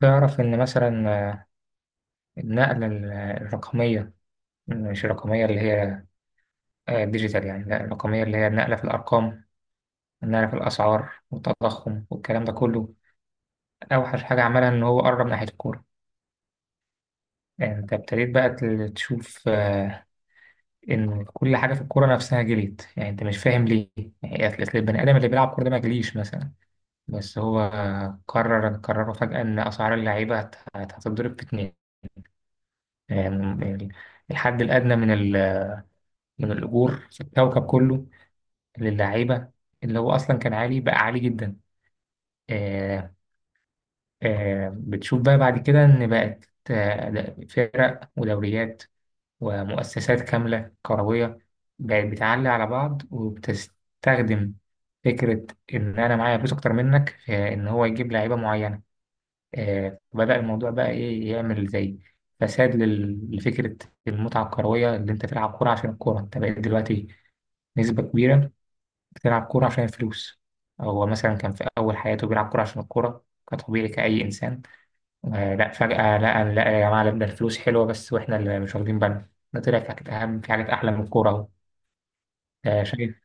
تعرف إن مثلا النقلة الرقمية. مش الرقمية اللي هي ديجيتال، يعني لا، الرقمية اللي هي النقلة في الأرقام، النقلة في الأسعار والتضخم والكلام ده كله. أوحش حاجة عملها إن هو قرب ناحية الكورة. يعني أنت ابتديت بقى تشوف إن كل حاجة في الكورة نفسها جليت. يعني أنت مش فاهم ليه. يعني أصل البني آدم اللي بيلعب كورة ده ما جليش مثلا. بس هو قرروا فجأة إن أسعار اللعيبة هتضرب في اتنين. يعني الحد الأدنى من من الأجور في الكوكب كله للعيبة، اللي هو أصلا كان عالي بقى عالي جدا. آه بتشوف بقى بعد كده إن بقت فرق ودوريات ومؤسسات كاملة كروية بقت بتعلي على بعض، وبتستخدم فكرة إن أنا معايا فلوس أكتر منك في إن هو يجيب لعيبة معينة. آه، بدأ الموضوع بقى إيه، يعمل زي فساد لفكرة المتعة الكروية. اللي أنت تلعب كورة عشان الكورة، أنت بقيت دلوقتي نسبة كبيرة بتلعب كورة عشان الفلوس. هو مثلا كان في أول حياته بيلعب كورة عشان الكورة، كطبيعي كأي إنسان. آه لا، فجأة لا لا يا جماعة لا، ده الفلوس حلوة بس، وإحنا اللي مش واخدين بالنا. ده طلع في حاجات أهم، في حاجات أحلى من الكورة أهو. آه شايف.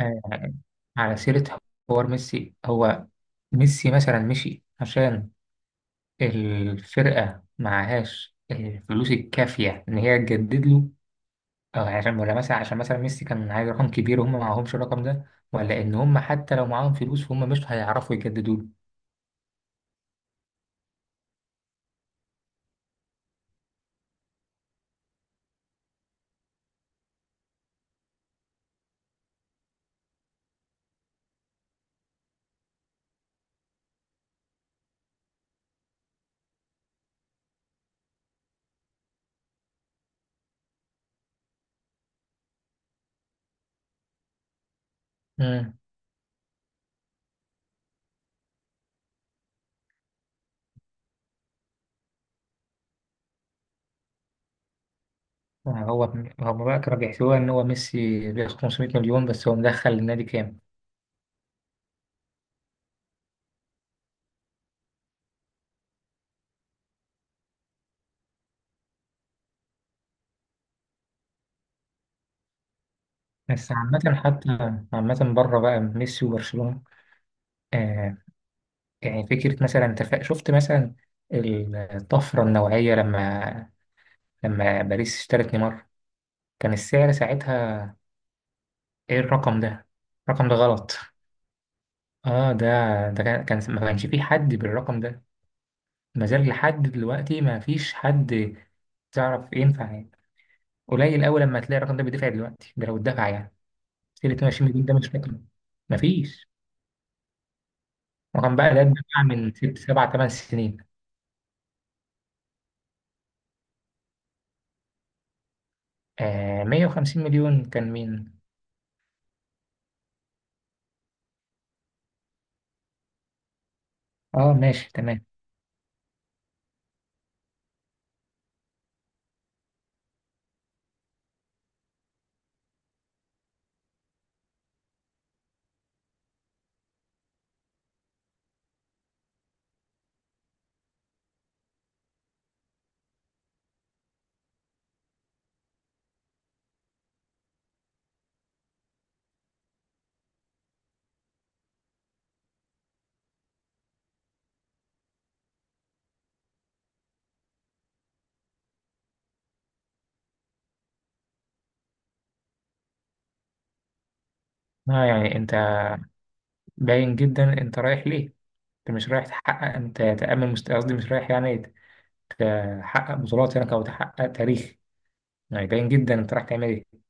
آه، على سيرة حوار ميسي. هو ميسي مثلا مشي عشان الفرقة معهاش الفلوس الكافية إن هي تجدد له، أو عشان، ولا مثلا عشان مثلا ميسي كان عايز رقم كبير وهم معهمش الرقم ده، ولا إن هم حتى لو معاهم فلوس فهم مش هيعرفوا يجددوا له. مم. يعني هو، هم بقى كانوا بيحسبوها ان هو ميسي بياخد 500 مليون، بس هو مدخل النادي كام؟ بس عامة، حتى عامة بره بقى ميسي وبرشلونة، آه، يعني فكرة مثلا انت شفت مثلا الطفرة النوعية لما باريس اشترت نيمار كان السعر ساعتها، ايه الرقم ده؟ الرقم ده غلط. اه ده، كان ما كانش فيه حد بالرقم ده. ما زال لحد دلوقتي ما فيش حد تعرف ينفع يعني، قليل قوي لما تلاقي الرقم ده بيدفع دلوقتي، ده لو اتدفع يعني. 22 جنيه، ده مش فاكره. مفيش. وكان بقى ده اتباع من ست سبع تمن سنين. آه، 150 مليون كان مين؟ اه، ماشي تمام. اه يعني انت، باين جدا انت رايح ليه؟ انت مش رايح تحقق، انت تأمن مست، قصدي مش رايح يعني تحقق بطولات هناك او تحقق تاريخ. يعني باين جدا انت رايح تعمل ايه؟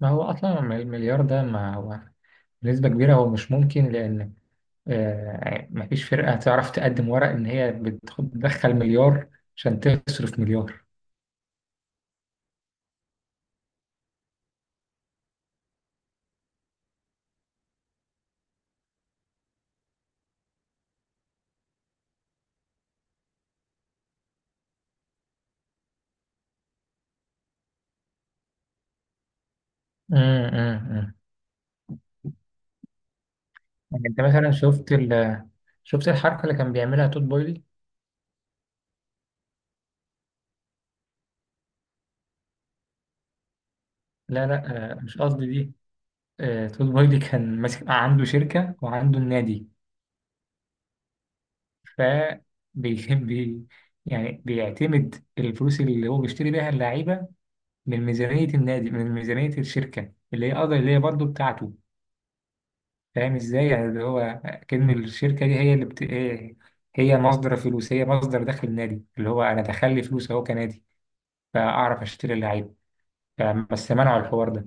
ما هو اصلا المليار ده، ما هو بنسبة كبيرة هو مش ممكن. لأن مفيش فرقة تعرف تقدم ورق إن هي بتدخل مليار عشان تصرف مليار. مم، مم، مم. يعني انت مثلا شفت شفت الحركه اللي كان بيعملها توت بويلي. لا لا، مش قصدي دي. توت بويلي كان ماسك عنده شركه وعنده النادي. ف بي بي- يعني بيعتمد الفلوس اللي هو بيشتري بيها اللعيبه من ميزانيه النادي، من ميزانيه الشركه اللي هي قضية، اللي هي برضه بتاعته. فاهم ازاي يعني، اللي هو كأن الشركه دي هي هي، هي مصدر فلوس، هي مصدر دخل النادي. اللي هو انا دخل لي فلوس اهو كنادي، فاعرف اشتري اللعيبه يعني. بس منعوا الحوار ده.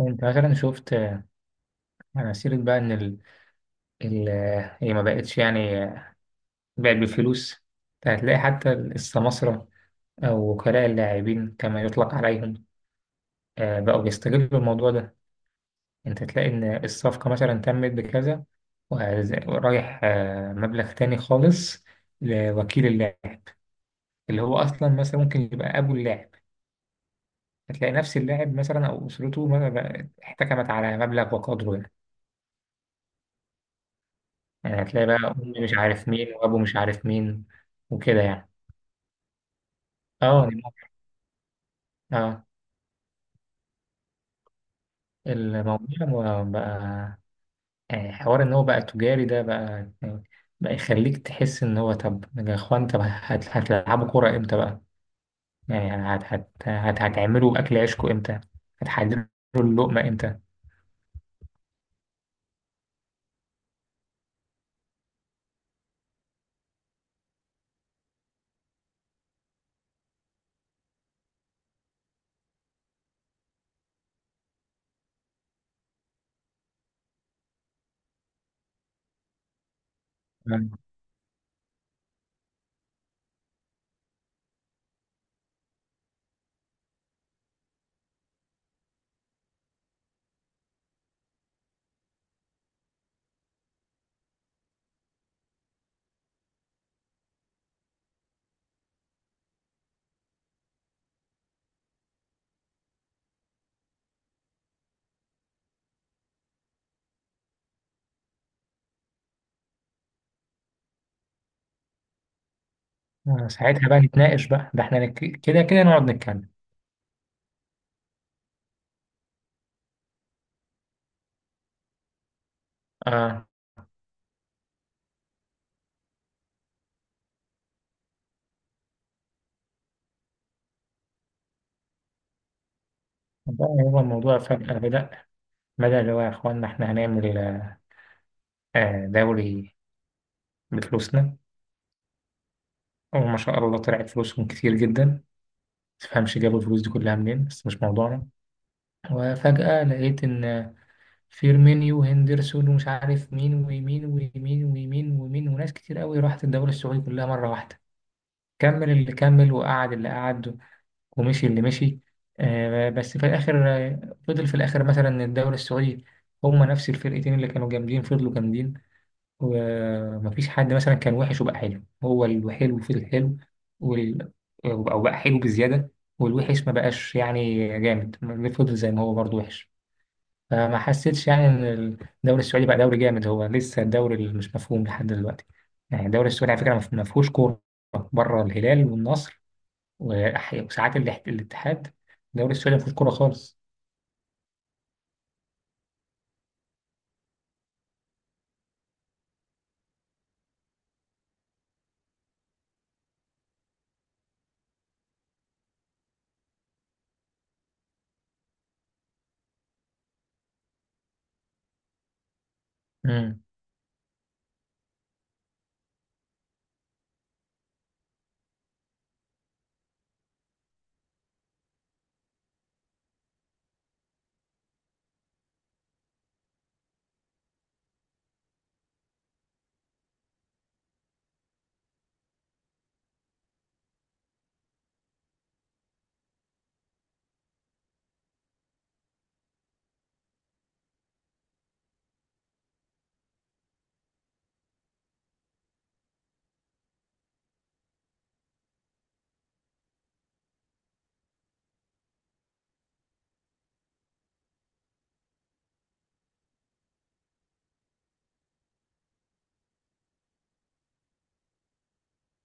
انت مثلا شفت انا سيرة بقى ان ال... ال... آه، هي ما بقتش يعني بقت بالفلوس. هتلاقي حتى السماسرة او وكلاء اللاعبين كما يطلق عليهم بقوا بيستغلوا الموضوع ده. انت تلاقي ان الصفقة مثلا تمت بكذا، ورايح مبلغ تاني خالص لوكيل اللاعب، اللي هو اصلا مثلا ممكن يبقى ابو اللاعب. هتلاقي نفس اللاعب مثلا او اسرته احتكمت على مبلغ وقدره يعني. يعني هتلاقي بقى أم مش عارف مين وأبو مش عارف مين، وكده يعني. اه يعني ممكن، اه الموضوع يعني حوار إن هو بقى تجاري ده بقى، يعني بقى يخليك تحس إن هو، طب يا إخوان طب هتلعبوا كورة إمتى بقى؟ يعني هت هت هت هتعملوا أكل عيشكوا إمتى؟ هتحددوا اللقمة إمتى؟ ساعتها بقى نتناقش بقى، ده احنا نك كده كده نقعد نتكلم. اه، بقى هو الموضوع فجأة بدأ اللي هو يا اخوانا احنا هنعمل آه دوري بفلوسنا. وما شاء الله طلعت فلوسهم كتير جدا، متفهمش جابوا الفلوس دي كلها منين بس مش موضوعنا. وفجأة لقيت إن فيرمينيو وهندرسون ومش عارف مين ويمين ويمين ويمين ويمين وناس كتير قوي راحت الدوري السعودي كلها مرة واحدة. كمل اللي كمل، وقعد اللي قعد، ومشي اللي مشي. بس في الآخر، فضل في الآخر مثلا إن الدوري السعودي هما نفس الفرقتين اللي كانوا جامدين فضلوا جامدين، ومفيش حد مثلا كان وحش وبقى حلو. هو الحلو في الحلو، وال... أو بقى حلو بزيادة، والوحش ما بقاش يعني جامد. فضل زي ما هو برضه وحش. فما حسيتش يعني إن الدوري السعودي بقى دوري جامد. هو لسه الدوري اللي مش مفهوم لحد دلوقتي. يعني الدوري السعودي على فكرة ما فيهوش كورة بره الهلال والنصر، وساعات الاتحاد. الدوري السعودي ما فيهوش كورة خالص. مم.